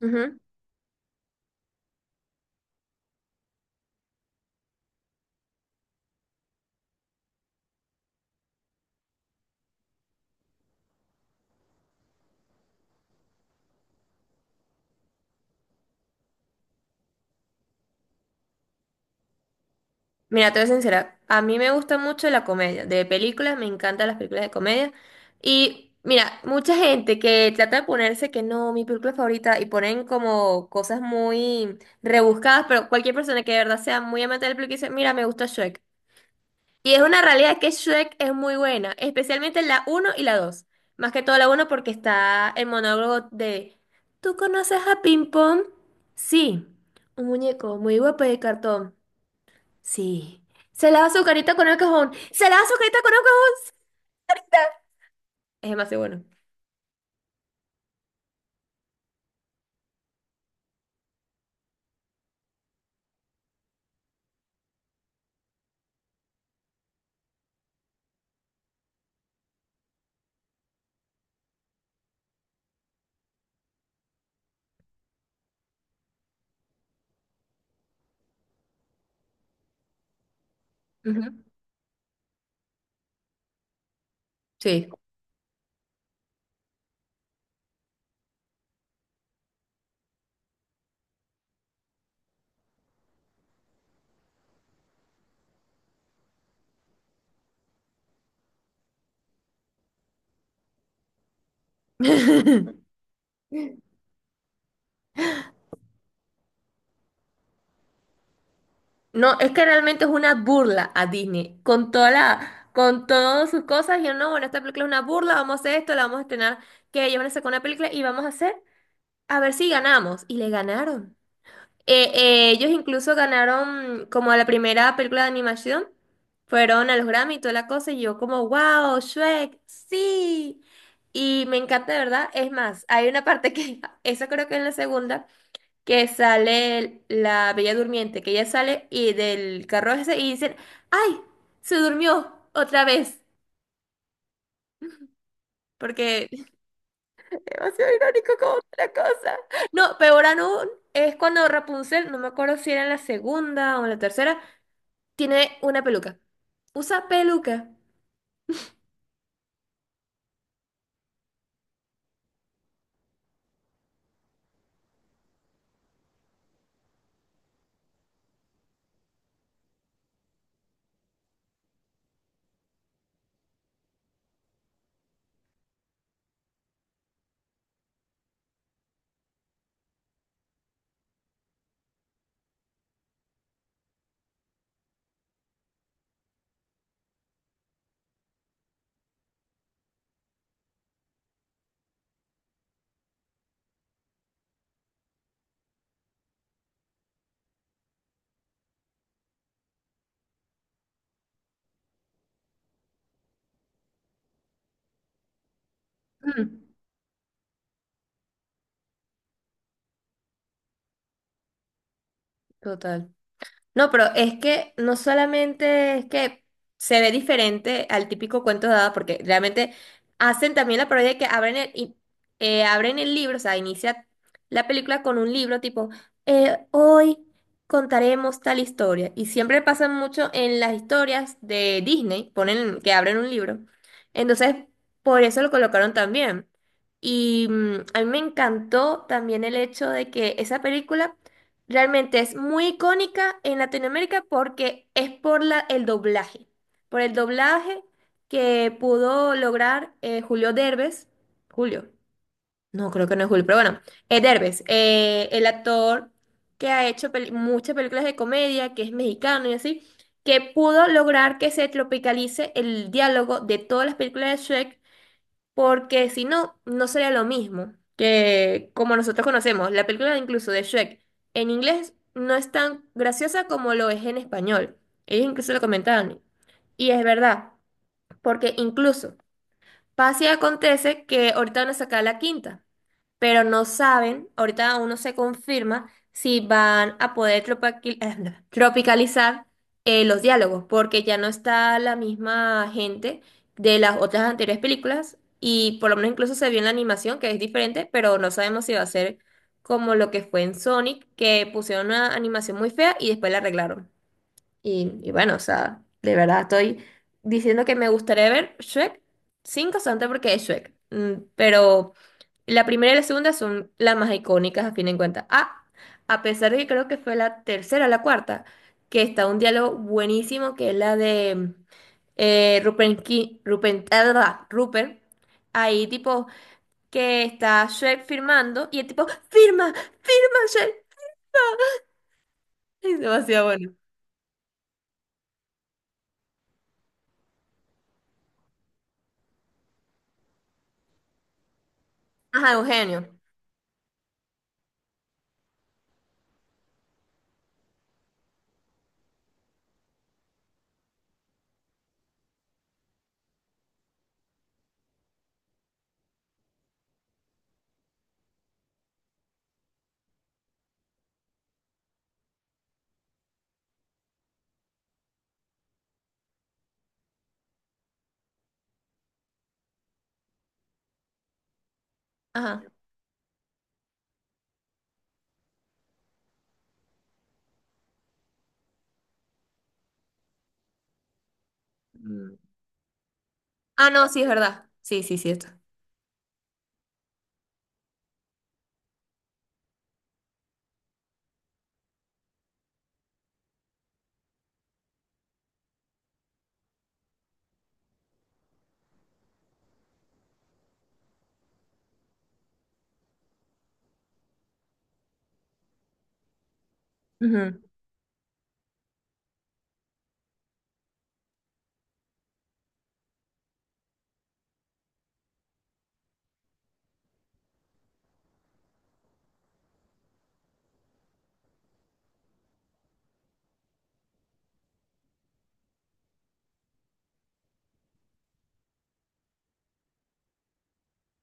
Ujú. Mira, te voy a ser sincera, a mí me gusta mucho la comedia, de películas, me encantan las películas de comedia. Y mira, mucha gente que trata de ponerse que no, mi película favorita, y ponen como cosas muy rebuscadas, pero cualquier persona que de verdad sea muy amante del película dice, mira, me gusta Shrek. Y es una realidad que Shrek es muy buena, especialmente la uno y la 2. Más que todo la uno porque está el monólogo de, ¿tú conoces a Ping Pong? Sí, un muñeco muy guapo de cartón. Sí. Se lava su carita con el cajón. Se lava su carita con el cajón. Carita. Es demasiado bueno. Ujú. Sí. No, es que realmente es una burla a Disney. Con toda la, con todas sus cosas. Y yo, no, bueno, esta película es una burla. Vamos a hacer esto, la vamos a estrenar. Que ellos van a sacar una película y vamos a hacer. A ver si ganamos. Y le ganaron. Ellos incluso ganaron como la primera película de animación. Fueron a los Grammy y toda la cosa. Y yo como, wow, Shrek, sí. Y me encanta, de verdad. Es más, hay una parte que, esa creo que es la segunda, que sale la Bella Durmiente, que ella sale y del carro ese y dicen, ¡ay! Se durmió otra vez. Porque demasiado irónico como otra cosa. No, peor aún es cuando Rapunzel, no me acuerdo si era en la segunda o en la tercera. Tiene una peluca. Usa peluca. Mm, total. No, pero es que no solamente es que se ve diferente al típico cuento de hadas, porque realmente hacen también la parodia de que abren el, abren el libro, o sea, inicia la película con un libro tipo, hoy contaremos tal historia. Y siempre pasa mucho en las historias de Disney, ponen que abren un libro. Entonces, por eso lo colocaron también. Y a mí me encantó también el hecho de que esa película realmente es muy icónica en Latinoamérica porque es por la, el doblaje, por el doblaje que pudo lograr Julio Derbez, Julio, no creo que no es Julio, pero bueno, Derbez, el actor que ha hecho peli- muchas películas de comedia, que es mexicano y así, que pudo lograr que se tropicalice el diálogo de todas las películas de Shrek, porque si no, no sería lo mismo que como nosotros conocemos. La película incluso de Shrek en inglés no es tan graciosa como lo es en español. Ellos incluso lo comentaban. Y es verdad, porque incluso pasa y acontece que ahorita van a sacar la quinta, pero no saben, ahorita aún no se confirma si van a poder tropaqui- no, tropicalizar los diálogos, porque ya no está la misma gente de las otras anteriores películas y por lo menos incluso se vio en la animación que es diferente, pero no sabemos si va a ser como lo que fue en Sonic, que pusieron una animación muy fea y después la arreglaron. Y bueno, o sea, de verdad estoy diciendo que me gustaría ver Shrek 5 solamente porque es Shrek. Mm, pero la primera y la segunda son las más icónicas a fin de cuentas. Ah, a pesar de que creo que fue la tercera o la cuarta, que está un diálogo buenísimo, que es la de Rupert, Ki- Rupert, Rupert, ahí tipo que está Shrek firmando y el tipo, firma, firma Shrek. Es demasiado bueno. Ajá, Eugenio. Ajá. Ah, no, sí, es verdad. Sí, sí, cierto. Ujú.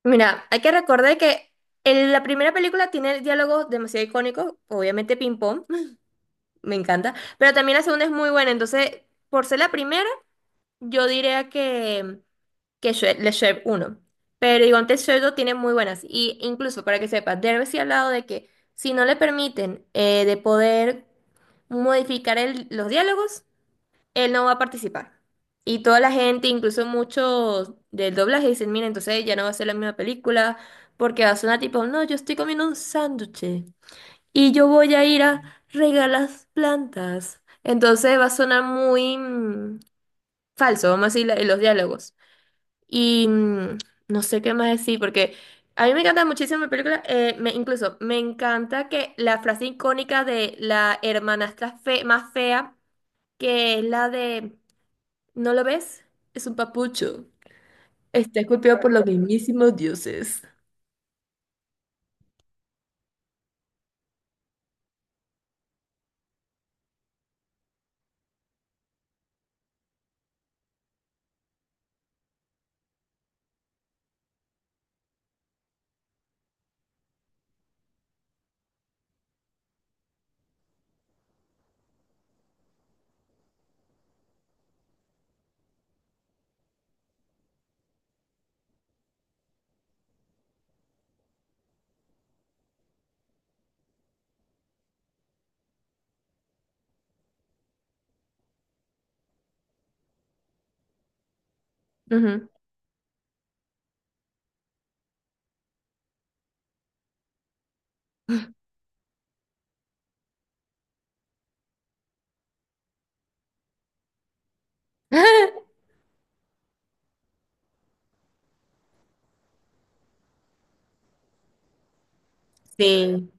Mira, hay que recordar que en la primera película tiene diálogos demasiado icónicos, obviamente ping. Me encanta. Pero también la segunda es muy buena. Entonces, por ser la primera, yo diría que Shre- Le Chef uno. Pero igual antes Shrek 2 tiene muy buenas. Y incluso, para que sepas, Derbez sí ha hablado de que si no le permiten de poder modificar el- los diálogos, él no va a participar. Y toda la gente, incluso muchos del doblaje, dicen, mira, entonces ya no va a ser la misma película, porque va a sonar tipo, no, yo estoy comiendo un sándwich y yo voy a ir a regalas plantas. Entonces va a sonar muy falso, vamos a decir, la- los diálogos. Y no sé qué más decir, porque a mí me encanta muchísimo la película, incluso me encanta que la frase icónica de la hermanastra fe, más fea, que es la de, ¿no lo ves? Es un papucho. Está esculpido por los mismísimos dioses. Ujú. Sí.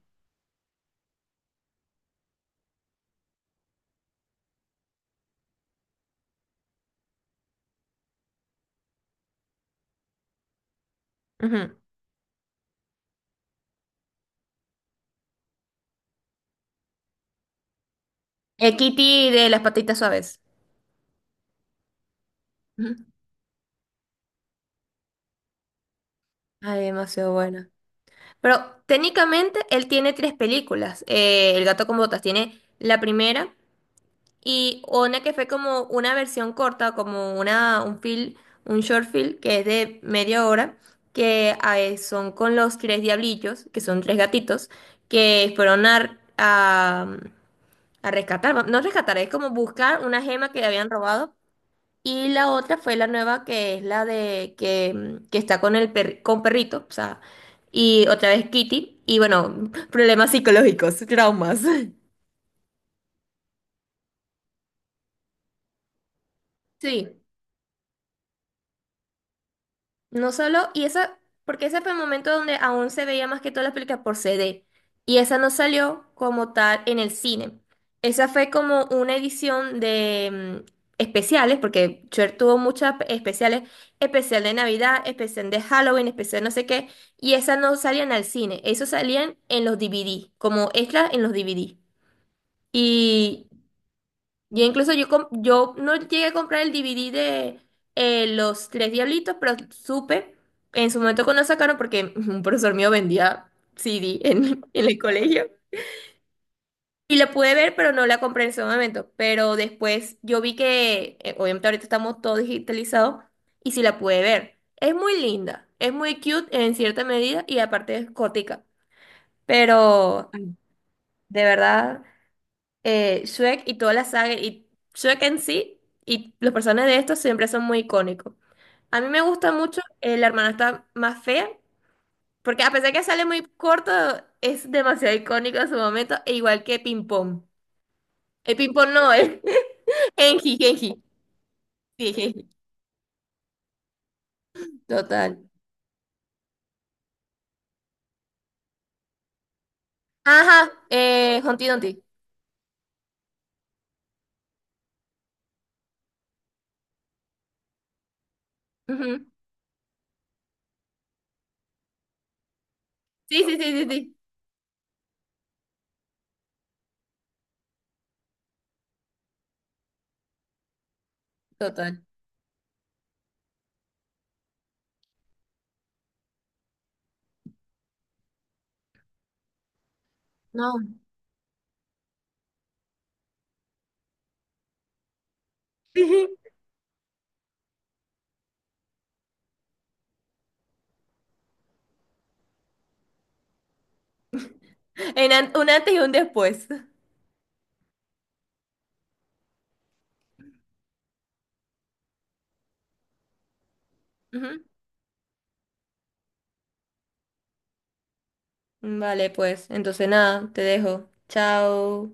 Ujú. Kitty de las patitas suaves. Ay, demasiado buena. Pero técnicamente él tiene tres películas. El gato con botas tiene la primera y una que fue como una versión corta, como una, un film, un short film que es de media hora, que son con los tres diablillos, que son tres gatitos, que fueron a rescatar, no rescatar, es como buscar una gema que le habían robado, y la otra fue la nueva que es la de que, que está con el per- con perrito, o sea, y otra vez Kitty, y bueno, problemas psicológicos, traumas. Sí. No solo, y esa, porque ese fue el momento donde aún se veía más que todas las películas por CD, y esa no salió como tal en el cine. Esa fue como una edición de especiales, porque Cher tuvo muchas especiales, especial de Navidad, especial de Halloween, especial no sé qué, y esas no salían al cine, eso salían en los DVD, como extras en los DVD. Y incluso yo, com- yo no llegué a comprar el DVD de Los Tres Diablitos, pero supe en su momento cuando lo sacaron, porque un profesor mío vendía CD en el colegio. Y la pude ver, pero no la compré en ese momento. Pero después yo vi que, obviamente ahorita estamos todos digitalizados, y sí la pude ver. Es muy linda, es muy cute en cierta medida, y aparte es gótica. Pero de verdad Shrek y toda la saga, y Shrek en sí, y los personajes de estos siempre son muy icónicos. A mí me gusta mucho La hermana está más fea, porque a pesar que sale muy corto, es demasiado icónico en su momento, e igual que Ping Pong. El Ping Pong no, es Genji, Genji. Sí, Genji. Total. Ajá, Humpty Dumpty. Ujú. Sí, sí, sí, sí, sí. Total. No. En an- un antes y un después. Ujú. Vale, pues, entonces nada, te dejo. Chao.